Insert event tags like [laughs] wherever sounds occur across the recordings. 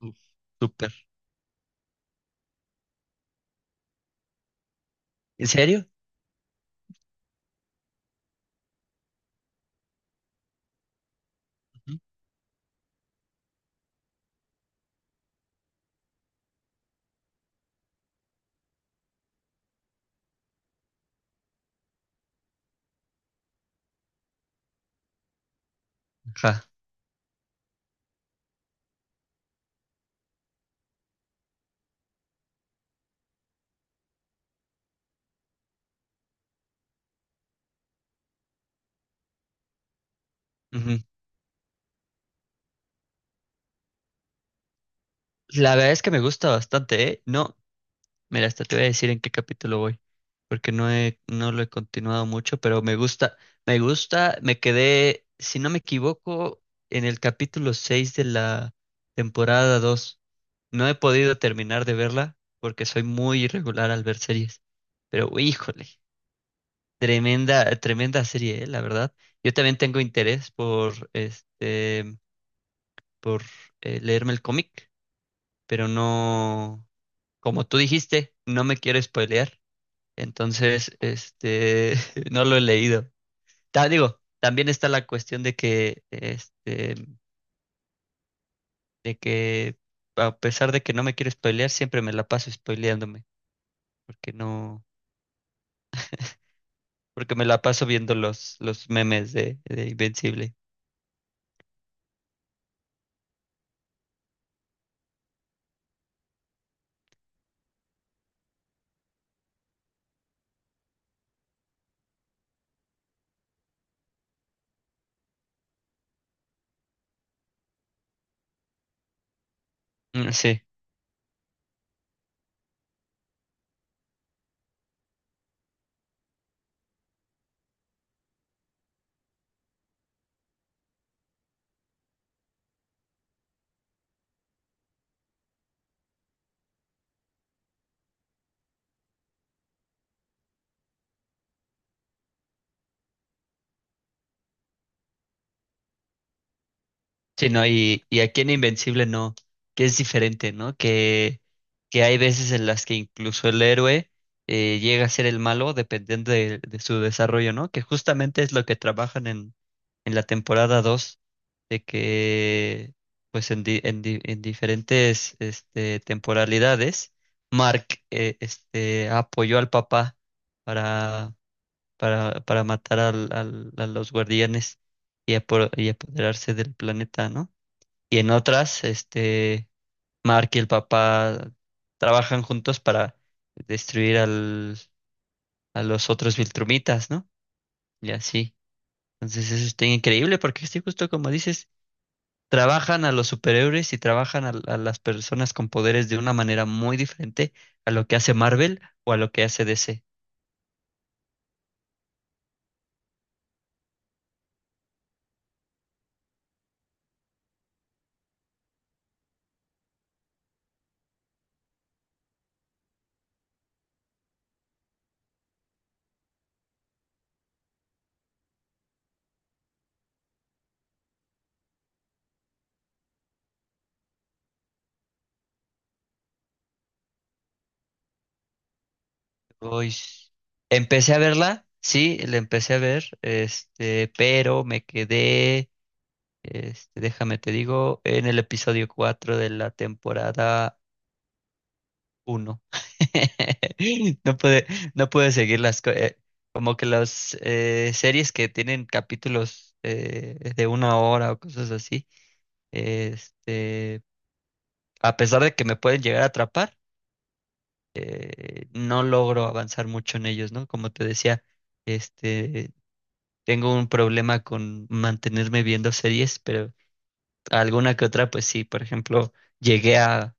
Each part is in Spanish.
Uf. Súper. ¿En serio? Ujú. Ajá. Ujú. La verdad es que me gusta bastante, ¿eh? No, mira, hasta te voy a decir en qué capítulo voy, porque no lo he continuado mucho, pero me gusta, me gusta, me quedé, si no me equivoco, en el capítulo 6 de la temporada dos. No he podido terminar de verla porque soy muy irregular al ver series, pero híjole, tremenda, tremenda serie, ¿eh? La verdad. Yo también tengo interés por este, por leerme el cómic, pero no, como tú dijiste, no me quiero spoilear. Entonces, este, [laughs] no lo he leído. Digo, también está la cuestión de que, este, de que a pesar de que no me quiero spoilear, siempre me la paso spoileándome, porque no, porque me la paso viendo los memes de Invencible. Mm. Sí. Sí, ¿no? Y aquí en Invencible no, que es diferente, ¿no? Que hay veces en las que incluso el héroe llega a ser el malo dependiendo de su desarrollo, ¿no? Que justamente es lo que trabajan en la temporada dos, de que pues en, en, en diferentes este, temporalidades, Mark este, apoyó al papá para, para matar al, a los guardianes y, y apoderarse del planeta, ¿no? Y en otras, este, Mark y el papá trabajan juntos para destruir al, a los otros Viltrumitas, ¿no? Y así. Entonces eso está increíble porque sí, justo como dices, trabajan a los superhéroes y trabajan a las personas con poderes de una manera muy diferente a lo que hace Marvel o a lo que hace DC. Uy, empecé a verla, sí, la empecé a ver, este, pero me quedé. Este, déjame te digo, en el episodio 4 de la temporada uno. [laughs] No puede, no puede seguir las como que las series que tienen capítulos de una hora o cosas así. Este, a pesar de que me pueden llegar a atrapar, no logro avanzar mucho en ellos, ¿no? Como te decía, este, tengo un problema con mantenerme viendo series, alguna que otra, pues sí. Por ejemplo, llegué a,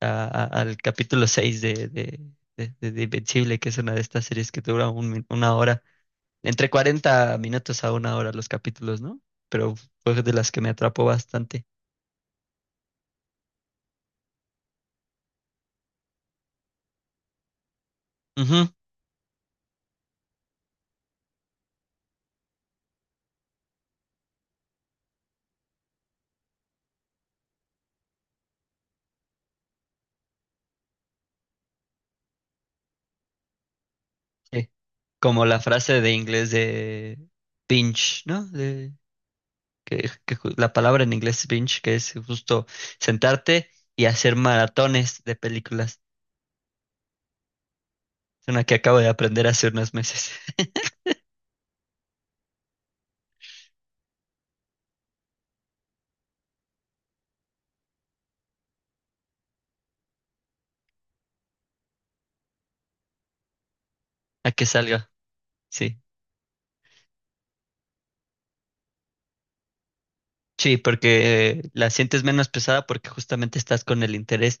al capítulo 6 de, de Invencible, que es una de estas series que dura una hora, entre 40 minutos a una hora los capítulos, ¿no? Pero fue de las que me atrapó bastante. Ujú, sí. Como la frase de inglés de binge, ¿no? De, que, la palabra en inglés es binge, que es justo sentarte y hacer maratones de películas. Es una que acabo de aprender hace unos meses. [laughs] A que salga. Sí. Sí, porque la sientes menos pesada porque justamente estás con el interés.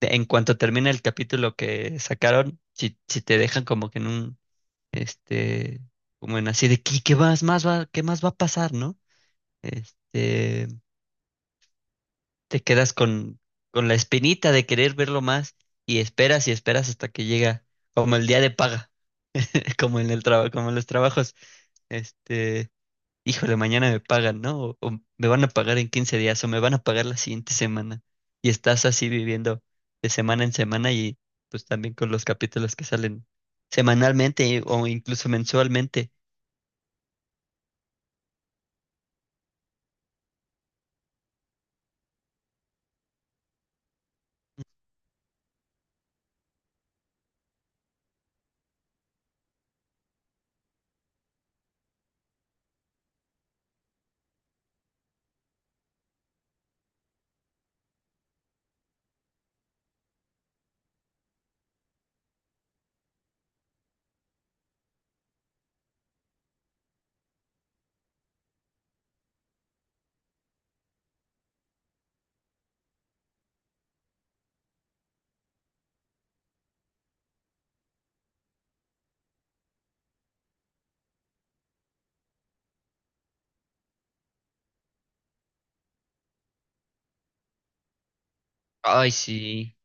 En cuanto termina el capítulo que sacaron, si, si te dejan como que en un, este, como en así de, ¿qué, qué más, qué más va a pasar?, ¿no? Este, te quedas con la espinita de querer verlo más y esperas hasta que llega, como el día de paga, [laughs] como en el trabajo, como en los trabajos. Este, híjole, mañana me pagan, ¿no? O me van a pagar en 15 días o me van a pagar la siguiente semana. Y estás así viviendo de semana en semana y pues también con los capítulos que salen semanalmente o incluso mensualmente. Ay, sí,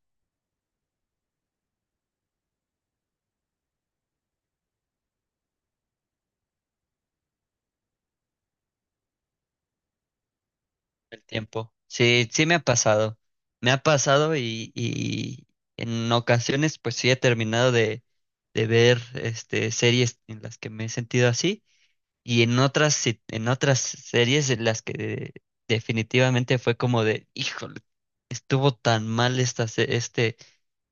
el tiempo. Sí, sí me ha pasado. Me ha pasado y en ocasiones pues sí he terminado de ver este, series en las que me he sentido así. Y en otras, en otras series en las que definitivamente fue como de, híjole, estuvo tan mal esta, este,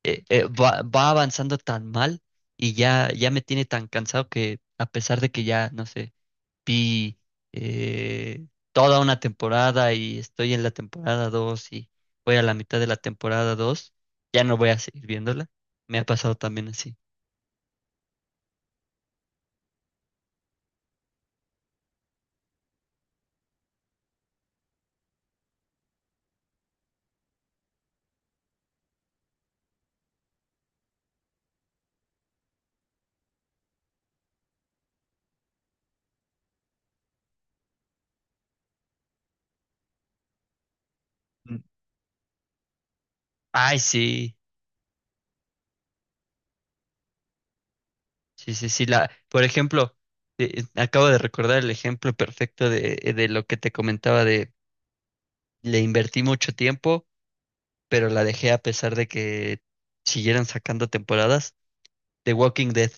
va, va avanzando tan mal y ya, ya me tiene tan cansado que a pesar de que ya, no sé, vi eh, toda una temporada y estoy en la temporada 2 y voy a la mitad de la temporada dos, ya no voy a seguir viéndola. Me ha pasado también así. Mm. Ay, sí, sí, sí, sí, la, por ejemplo. Acabo de recordar el ejemplo perfecto de lo que te comentaba de le invertí mucho tiempo, pero la dejé a pesar de que siguieran sacando temporadas. The Walking Dead.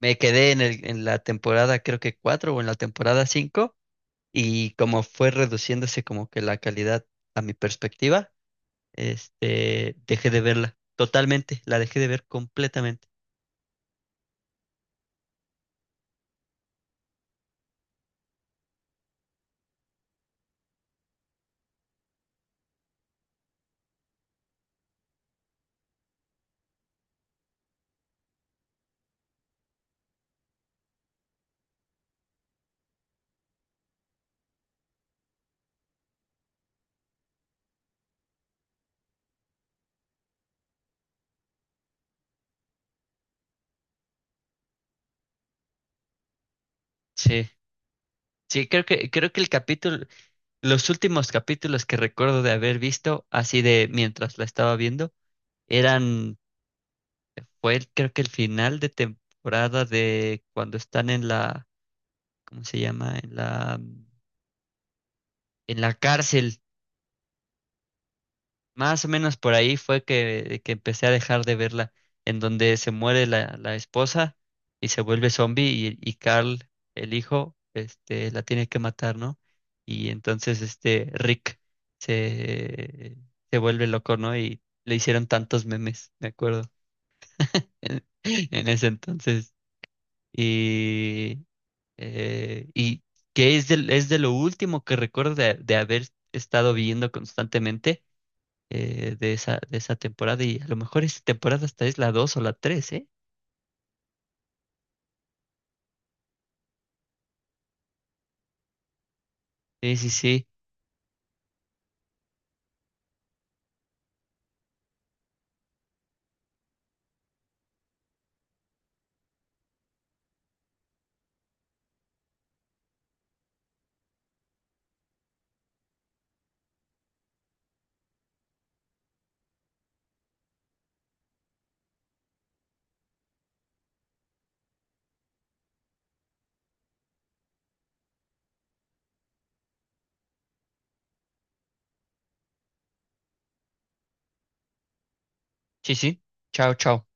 Me quedé en el, en la temporada, creo que cuatro o en la temporada cinco, y como fue reduciéndose como que la calidad a mi perspectiva, este, dejé de verla totalmente, la dejé de ver completamente. Sí, sí, creo que el capítulo, los últimos capítulos que recuerdo de haber visto, así de mientras la estaba viendo, eran, creo que el final de temporada de cuando están en la, ¿cómo se llama? En la cárcel. Más o menos por ahí fue que empecé a dejar de verla, en donde se muere la, la esposa y se vuelve zombie y Carl, el hijo, este, la tiene que matar, ¿no? Y entonces este Rick se, se vuelve loco, ¿no? Y le hicieron tantos memes, me acuerdo, [laughs] en, en ese entonces. Y, y que es de lo último que recuerdo de haber estado viendo constantemente de esa temporada. Y a lo mejor esta temporada hasta es la 2 o la tres, ¿eh? Sí, sí, sí. Sí, sí. Chao, chao.